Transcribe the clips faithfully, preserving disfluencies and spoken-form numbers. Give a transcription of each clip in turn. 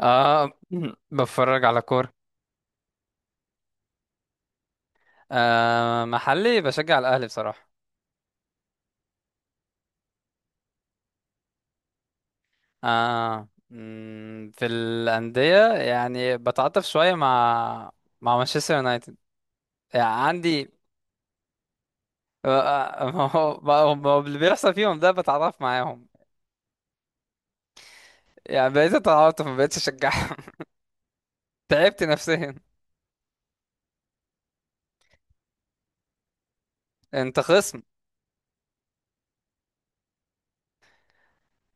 آه، بتفرج على كورة. آه، محلي بشجع الأهلي بصراحة. آه، مم، في الأندية، يعني بتعاطف شوية مع مع مانشستر يونايتد. يعني عندي آه، آه، ما هو ما هو- ما هو اللي بيحصل فيهم ده بتعاطف معاهم. يعني بقيت اتعاطف، ما بقيتش اشجعهم. تعبت نفسيا. انت خصم.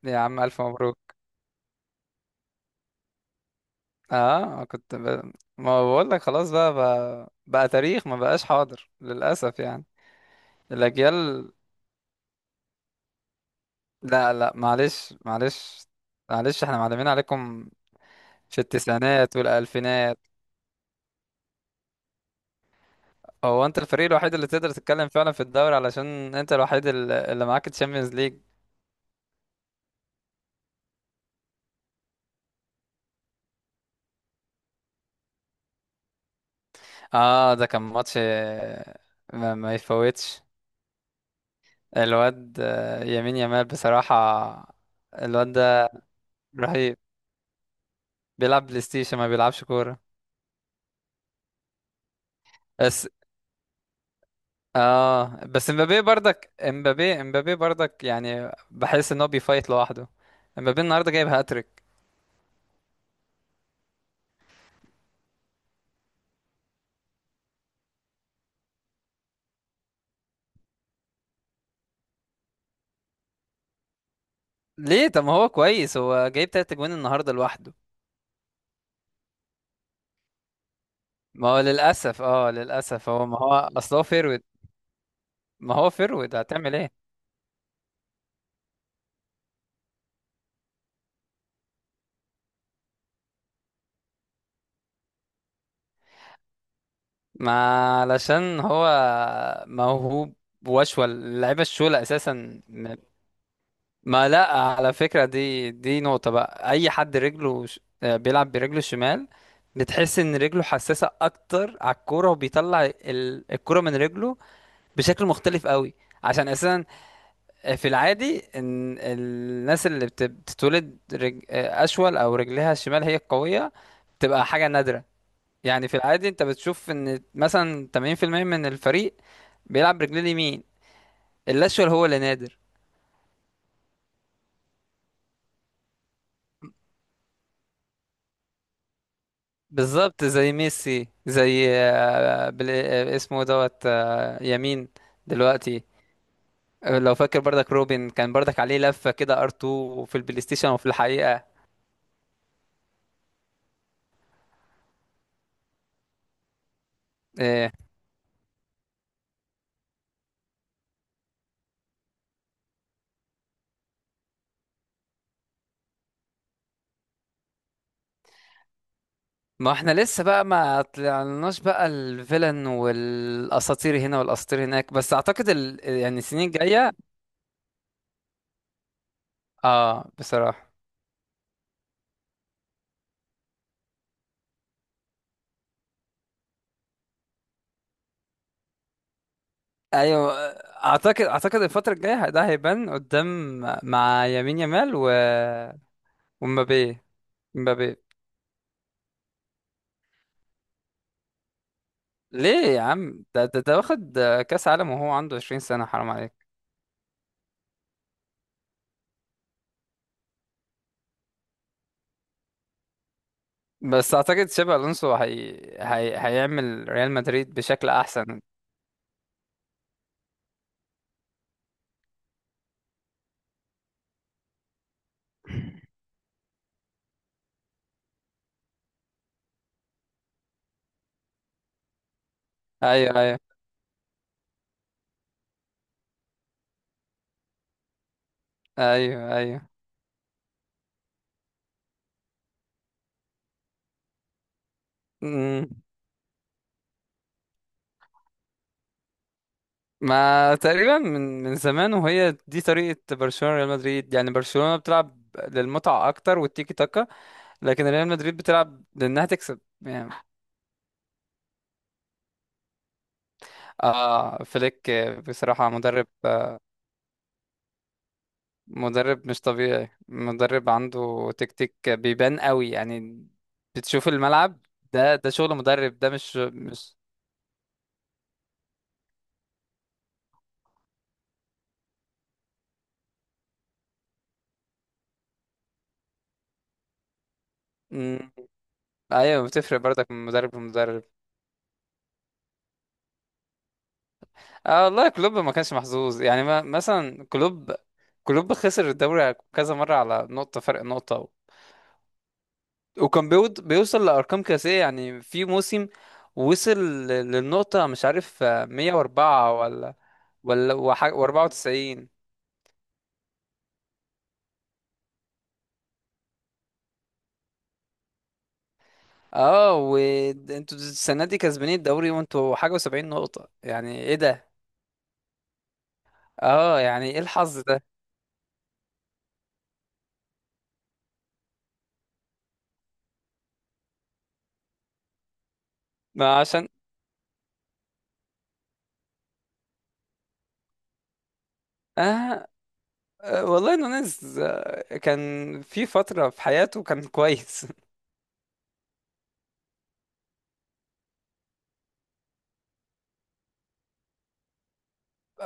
يا عم، ألف مبروك. اه، كنت ب... ما بقول لك، خلاص بقى بقى, بقى تاريخ، ما بقاش حاضر للأسف يعني. الأجيال. لا، لا، معلش، معلش. معلش، احنا معلمين عليكم في التسعينات والألفينات. هو انت الفريق الوحيد اللي تقدر تتكلم فعلا في الدوري، علشان انت الوحيد ال- اللي معاك تشامبيونز ليج. اه، ده كان ماتش آه، ما, ما يفوتش. الواد آه، يمين يمال بصراحة. الواد ده رهيب. بيلعب بلاي ستيشن، ما بيلعبش كورة. بس اه بس امبابي برضك، امبابي، امبابي برضك، يعني بحس ان هو بيفايت لوحده. امبابي النهارده جايب هاتريك. ليه؟ طب ما هو كويس، هو جايب تلات اجوان النهارده لوحده. ما هو للاسف، اه للاسف هو ما هو اصل هو فيرود. ما هو فيرود، هتعمل ايه؟ ما علشان هو موهوب، وشوى اللعيبه الشولة اساسا. م- ما، لا، على فكره، دي دي نقطه بقى. اي حد رجله ش- آه، بيلعب برجله الشمال، بتحس ان رجله حساسه اكتر على الكوره، وبيطلع ال- الكوره من رجله بشكل مختلف قوي. عشان اساسا في العادي ان الناس اللي بت- بتتولد رج... اشول، او رجلها الشمال هي القويه، بتبقى حاجه نادره. يعني في العادي انت بتشوف ان مثلا ثمانين في المية من الفريق بيلعب برجليه اليمين، الاشول هو اللي نادر. بالظبط زي ميسي، زي آه، بل... آه، اسمه دوت، آه، يمين دلوقتي. آه، لو فاكر، برضك روبن كان برضك عليه لفه كده، ار2 في البلاي ستيشن وفي الحقيقه. آه، ما احنا لسه بقى ما طلعناش بقى الفيلن، والاساطير هنا والاساطير هناك، بس اعتقد ال... يعني السنين الجايه. اه، بصراحه. ايوه. اعتقد اعتقد الفتره الجايه ده هيبان قدام، مع يمين يامال، و... ومبابي. مبابي. ليه يا عم؟ ده ده, ده واخد كاس عالم وهو عنده عشرين سنه، حرام عليك. بس اعتقد شابي الونسو هي... هي... هيعمل ريال مدريد بشكل احسن. ايوه، ايوه. ايوه، ايوه. ما تقريبا من من زمان، وهي دي طريقة برشلونة ريال مدريد. يعني برشلونة بتلعب للمتعة أكتر والتيكي تاكا، لكن ريال مدريد بتلعب لأنها تكسب يعني. آه، فليك، آه، بصراحة مدرب آه، مدرب مش طبيعي. مدرب عنده تكتيك بيبان قوي، يعني بتشوف الملعب. ده ده شغل مدرب، ده مش مش. مم. أيوة، بتفرق برضك من مدرب لمدرب. اه، والله كلوب ما كانش محظوظ يعني. ما مثلا كلوب، كلوب خسر الدوري كذا مرة على نقطة، فرق نقطة، وكان بيود بيوصل لأرقام قياسية. يعني في موسم وصل ل- للنقطة، مش عارف آه، مية واربعة ولا، ولا وح- واربعة وتسعين. اه، وانتوا السنة دي كسبانين الدوري وانتوا حاجة و70 نقطة، يعني ايه ده؟ اه، يعني ايه الحظ ده؟ ما عشان آه آه، والله نونيز آه، كان في فترة في حياته كان كويس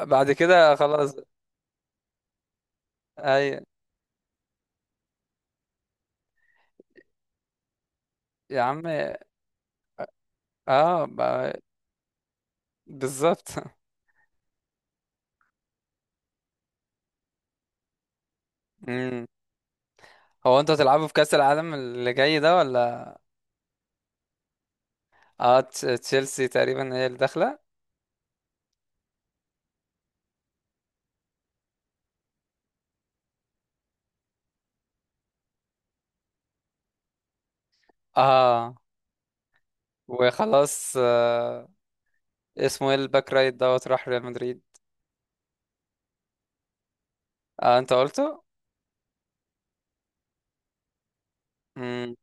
بعد كده خلاص. اي. يا عم. اه، ب- بالظبط امم. هو انتوا هتلعبوا في كأس العالم اللي جاي ده ولا؟ اه، تش- تشيلسي تقريبا هي اللي داخله. اه، وخلاص. آه اسمه ايه الباك رايت دوت؟ راح ريال مدريد. اه، انت قلته. امم.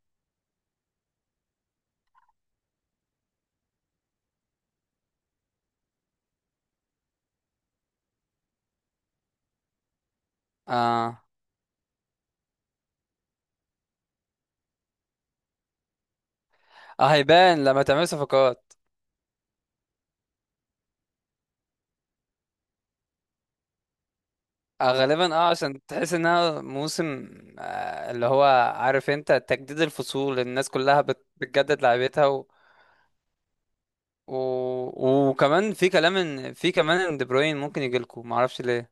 اه. اه، هيبان لما تعمل صفقات. آه غالبا، اه عشان تحس انها موسم، آه اللي هو عارف انت، تجديد الفصول، الناس كلها بت- بتجدد لعبتها، و... وكمان في كلام ان، في كمان ان دي بروين ممكن يجي لكم، ما اعرفش ليه.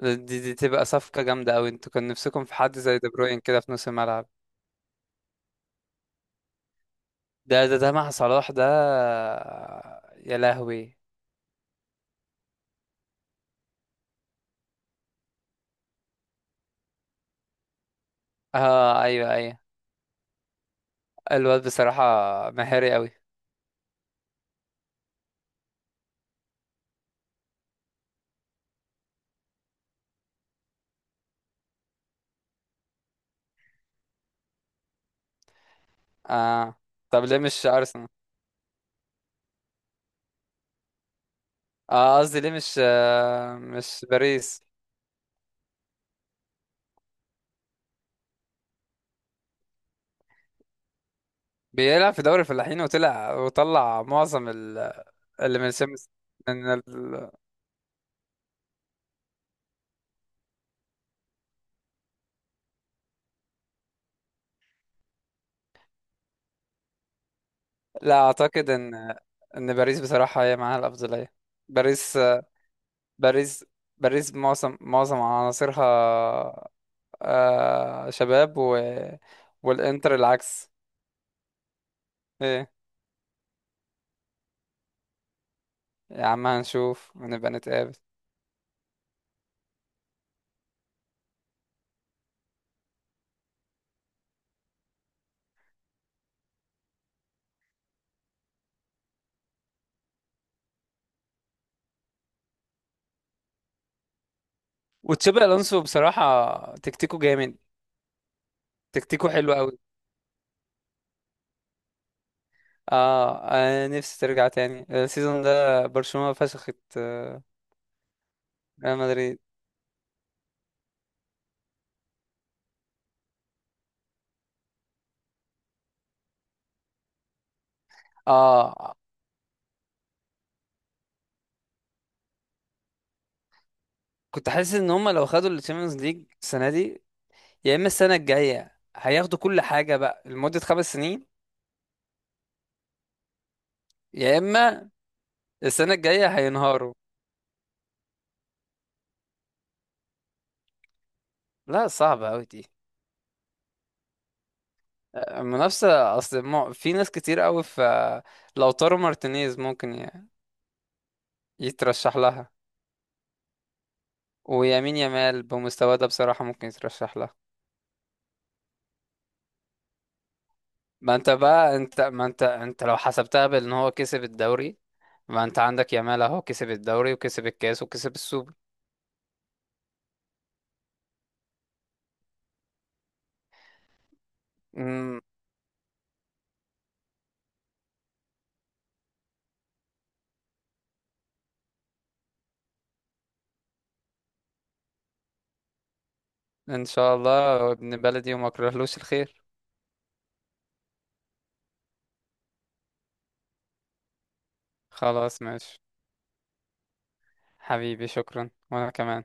دي, دي تبقى صفقة جامدة قوي. انتوا كان نفسكم في حد زي دي بروين كده في نص الملعب. ده ده ده مع صلاح ده، يا لهوي. اه، ايوه، ايوه. الواد بصراحة مهاري قوي. اه، طب ليه مش ارسنال؟ اه، قصدي ليه مش آه مش باريس؟ بيلعب في دوري الفلاحين، وطلع وطلع معظم ال- اللي من الشمس، من ال- لا اعتقد ان ان باريس بصراحه هي معاها الافضليه. باريس، باريس باريس معظم معظم عناصرها آه، شباب و... والانتر العكس. ايه؟ يا عم، هنشوف ونبقى نتقابل. وتشابي الونسو بصراحه تكتيكه جامد، تكتيكه حلو قوي. اه، انا نفسي ترجع تاني السيزون ده، برشلونه فشخت آه، ريال مدريد. اه، كنت حاسس ان هم لو خدوا الشامبيونز ليج السنه دي، يا اما السنه الجايه هياخدوا كل حاجه بقى لمده خمس سنين. يا اما السنه الجايه هينهاروا. لا، صعبه قوي دي. آه، منافسه اصل، مع- في ناس كتير قوي في. لوتارو مارتينيز ممكن ي- يترشح لها. ويمين يامال بمستواه ده بصراحه ممكن يترشح لها. ما انت بقى، انت ما انت انت لو حسبتها، بان هو كسب الدوري. ما انت عندك يامال اهو كسب الدوري، وكسب الكاس، وكسب السوبر. امم. ان شاء الله، ابن بلدي وما اكرهلوش الخير. خلاص، ماشي. حبيبي، شكرا، وأنا كمان.